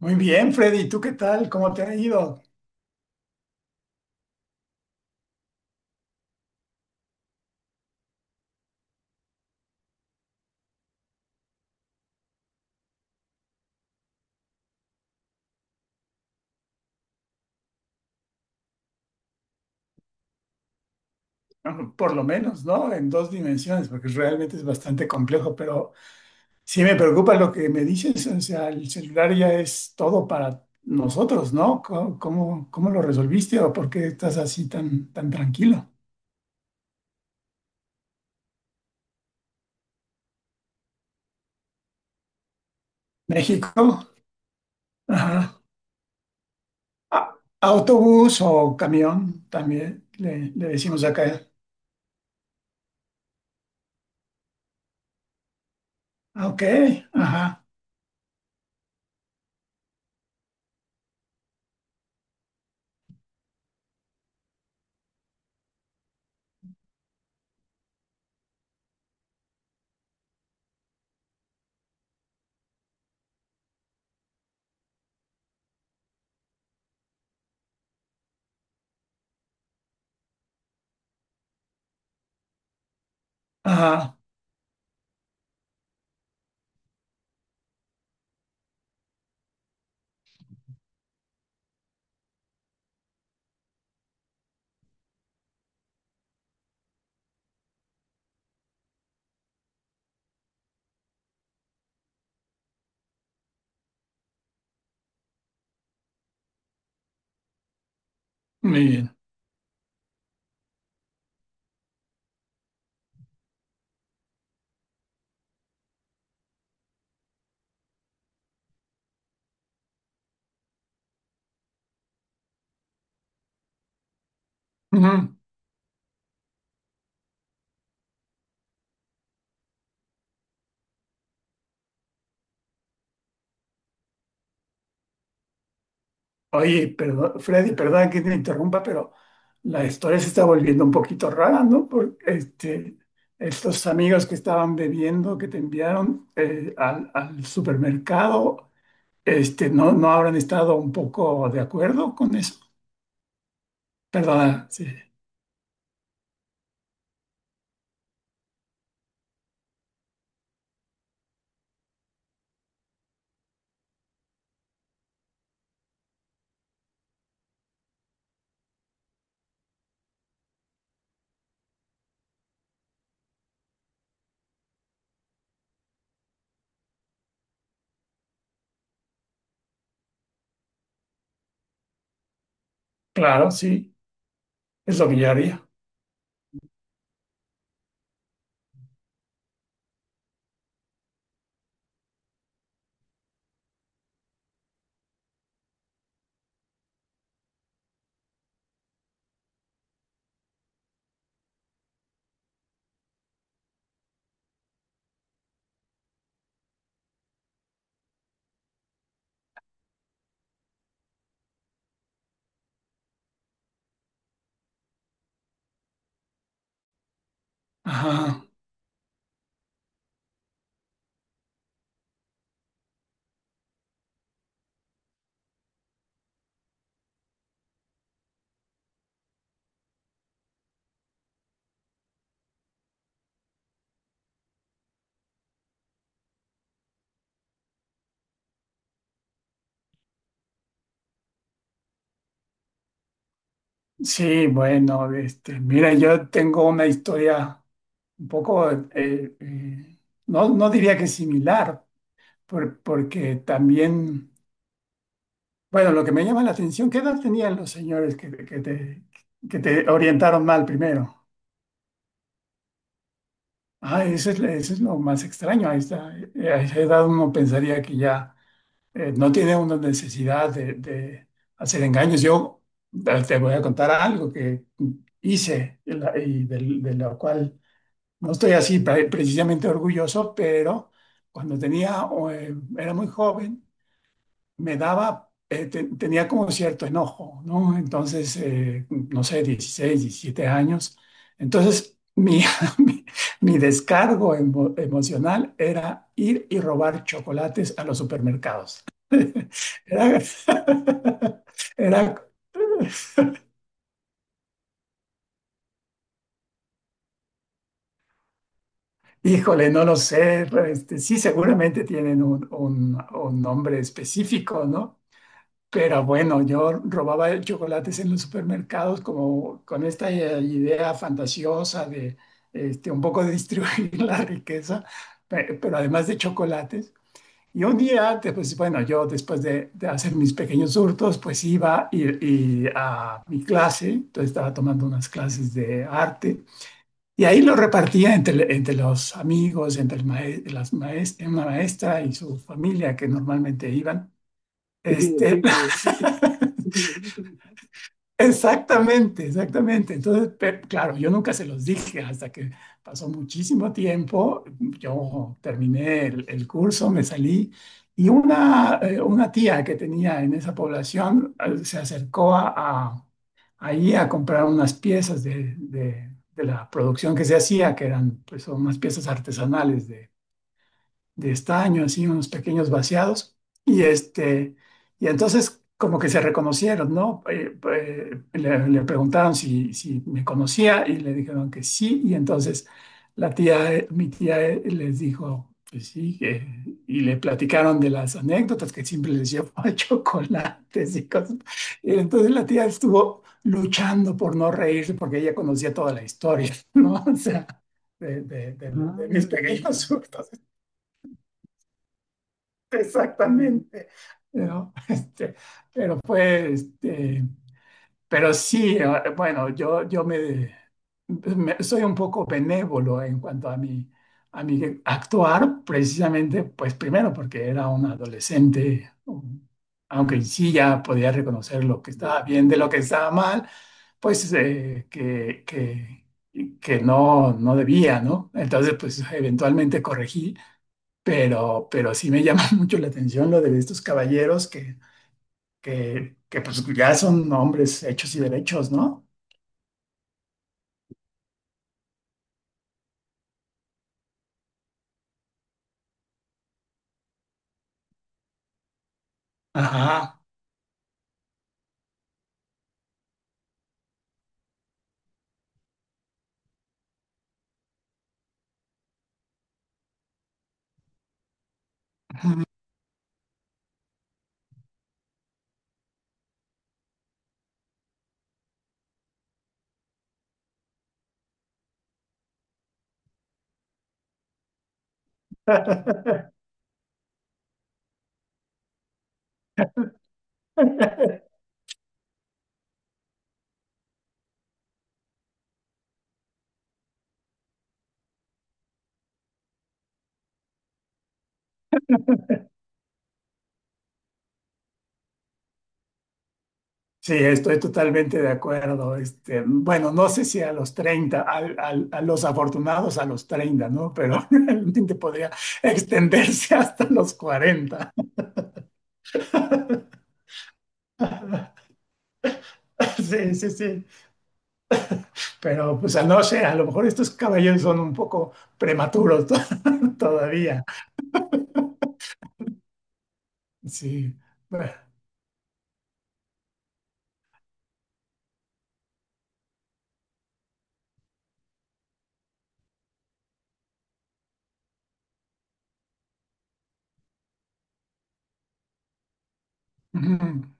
Muy bien, Freddy, ¿tú qué tal? ¿Cómo te ha ido? Bueno, por lo menos, ¿no? En dos dimensiones, porque realmente es bastante complejo, pero sí, me preocupa lo que me dices, o sea, el celular ya es todo para nosotros, ¿no? ¿Cómo lo resolviste o por qué estás así tan tranquilo? México, ajá. Autobús o camión, también le decimos acá. Ah, ok, ajá, ajá, muy bien. Oye, perdón, Freddy, perdón que te interrumpa, pero la historia se está volviendo un poquito rara, ¿no? Porque este, estos amigos que estaban bebiendo, que te enviaron al supermercado, este, ¿no, no habrán estado un poco de acuerdo con eso? Perdona, sí. Claro, sí, es lo que yo haría. Ajá. Sí, bueno, este, mira, yo tengo una historia un poco, no, no diría que similar, porque también... Bueno, lo que me llama la atención, ¿qué edad tenían los señores que, que te orientaron mal primero? Ah, eso es lo más extraño. Ahí esta. A esa edad uno pensaría que ya no tiene una necesidad de hacer engaños. Yo te voy a contar algo que hice lo cual no estoy así precisamente orgulloso, pero cuando era muy joven. Me tenía como cierto enojo, ¿no? Entonces, no sé, 16 17 años. Entonces, mi, mi descargo emocional era ir y robar chocolates a los supermercados. Era, era, híjole, no lo sé, este, sí, seguramente tienen un nombre específico, ¿no? Pero bueno, yo robaba chocolates en los supermercados como con esta idea fantasiosa de este, un poco de distribuir la riqueza, pero además de chocolates. Y un día, pues bueno, yo después de hacer mis pequeños hurtos, pues iba y a mi clase, entonces estaba tomando unas clases de arte y ahí lo repartía entre los amigos, entre el mae- las maes- una maestra y su familia que normalmente iban. Qué divertido. Exactamente, exactamente. Entonces, claro, yo nunca se los dije hasta que pasó muchísimo tiempo. Yo terminé el curso, me salí y una tía que tenía en esa población se acercó ahí a comprar unas piezas de la producción que se hacía, que eran pues, unas piezas artesanales de estaño, así unos pequeños vaciados. Y, y entonces como que se reconocieron, ¿no? Le preguntaron si me conocía y le dijeron que sí. Y entonces mi tía les dijo que sí. Y le platicaron de las anécdotas que siempre les llevaba chocolates y cosas. Y entonces la tía estuvo luchando por no reírse porque ella conocía toda la historia, ¿no? O sea, de mis pequeños hurtos. Exactamente, ¿no? Este, pero fue, este, pero sí, bueno, soy un poco benévolo en cuanto a mi actuar, precisamente, pues primero porque era un adolescente, aunque sí ya podía reconocer lo que estaba bien de lo que estaba mal, pues que no, no debía, ¿no? Entonces, pues eventualmente corregí, pero sí me llama mucho la atención lo de estos caballeros que pues ya son hombres hechos y derechos, ¿no? Ajá. Sí, estoy totalmente de acuerdo. Este, bueno, no sé si a los 30, los afortunados a los 30, ¿no? Pero realmente podría extenderse hasta los 40. Sí, sí, sí. Pero pues a no sé, a lo mejor estos caballeros son un poco prematuros todavía. Sí. Bueno, ujú.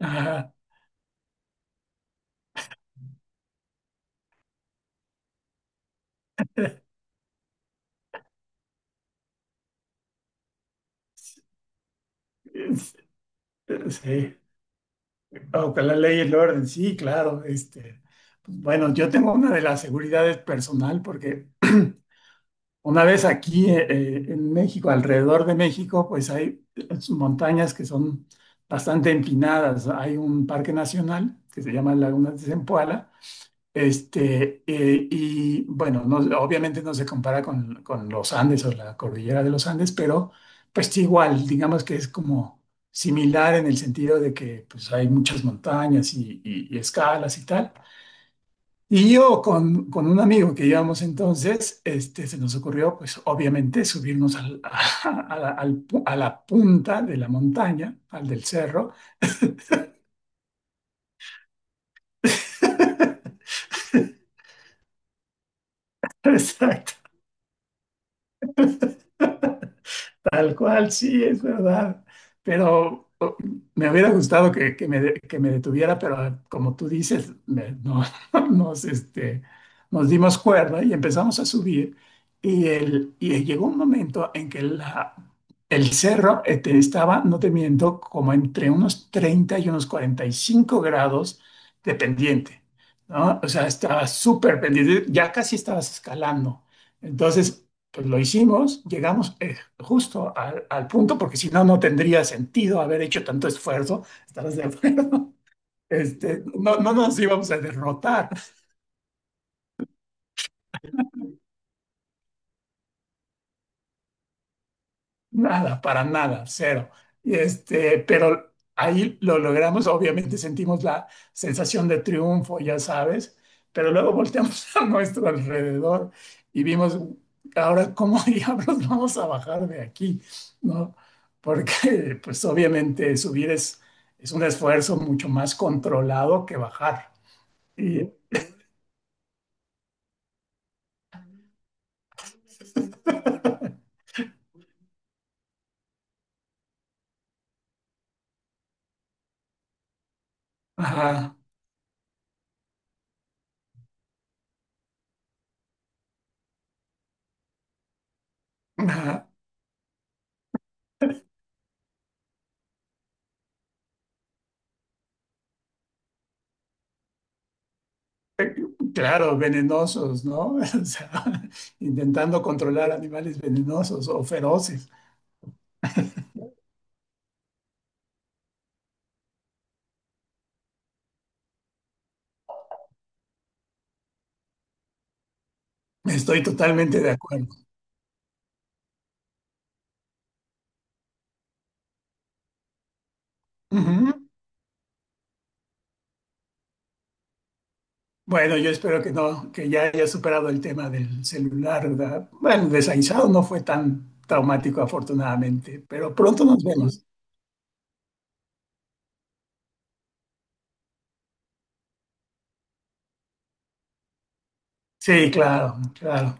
Ajá. Es- Sí, bajo la ley y el orden, sí, claro. Este, pues, bueno, yo tengo una de las seguridades personal porque una vez aquí en México, alrededor de México, pues hay las montañas que son bastante empinadas. Hay un parque nacional que se llama Lagunas de Zempoala. Y bueno, obviamente no se compara con los Andes o la cordillera de los Andes, pero pues sí, igual, digamos que es como similar en el sentido de que pues hay muchas montañas y escalas y tal. Y yo con un amigo que íbamos entonces, este, se nos ocurrió pues obviamente subirnos a la punta de la montaña, al del cerro. Exacto. Tal cual, sí, es verdad. Pero me hubiera gustado que me detuviera, pero como tú dices, no, nos, este, nos dimos cuerda y empezamos a subir. Y llegó un momento en que el cerro este, estaba, no te miento, como entre unos 30 y unos 45 grados de pendiente, ¿no? O sea, estaba súper pendiente, ya casi estabas escalando. Entonces, pues lo hicimos, llegamos justo al punto, porque si no, no tendría sentido haber hecho tanto esfuerzo, estarás de acuerdo. Este, no, no nos íbamos a derrotar. Nada, para nada, cero. Y pero ahí lo logramos, obviamente sentimos la sensación de triunfo, ya sabes, pero luego volteamos a nuestro alrededor y vimos, ahora, ¿cómo diablos vamos a bajar de aquí? ¿No? Porque, pues obviamente subir es un esfuerzo mucho más controlado que bajar. Y, ajá, ajá. Claro, venenosos, ¿no? O sea, intentando controlar animales venenosos o feroces. Estoy totalmente de acuerdo. Ujú. Bueno, yo espero que no, que ya haya superado el tema del celular, ¿verdad? Bueno, de Saizao no fue tan traumático, afortunadamente, pero pronto nos vemos. Sí, claro, claro.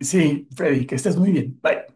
Sí, Freddy, que estés muy bien. Bye.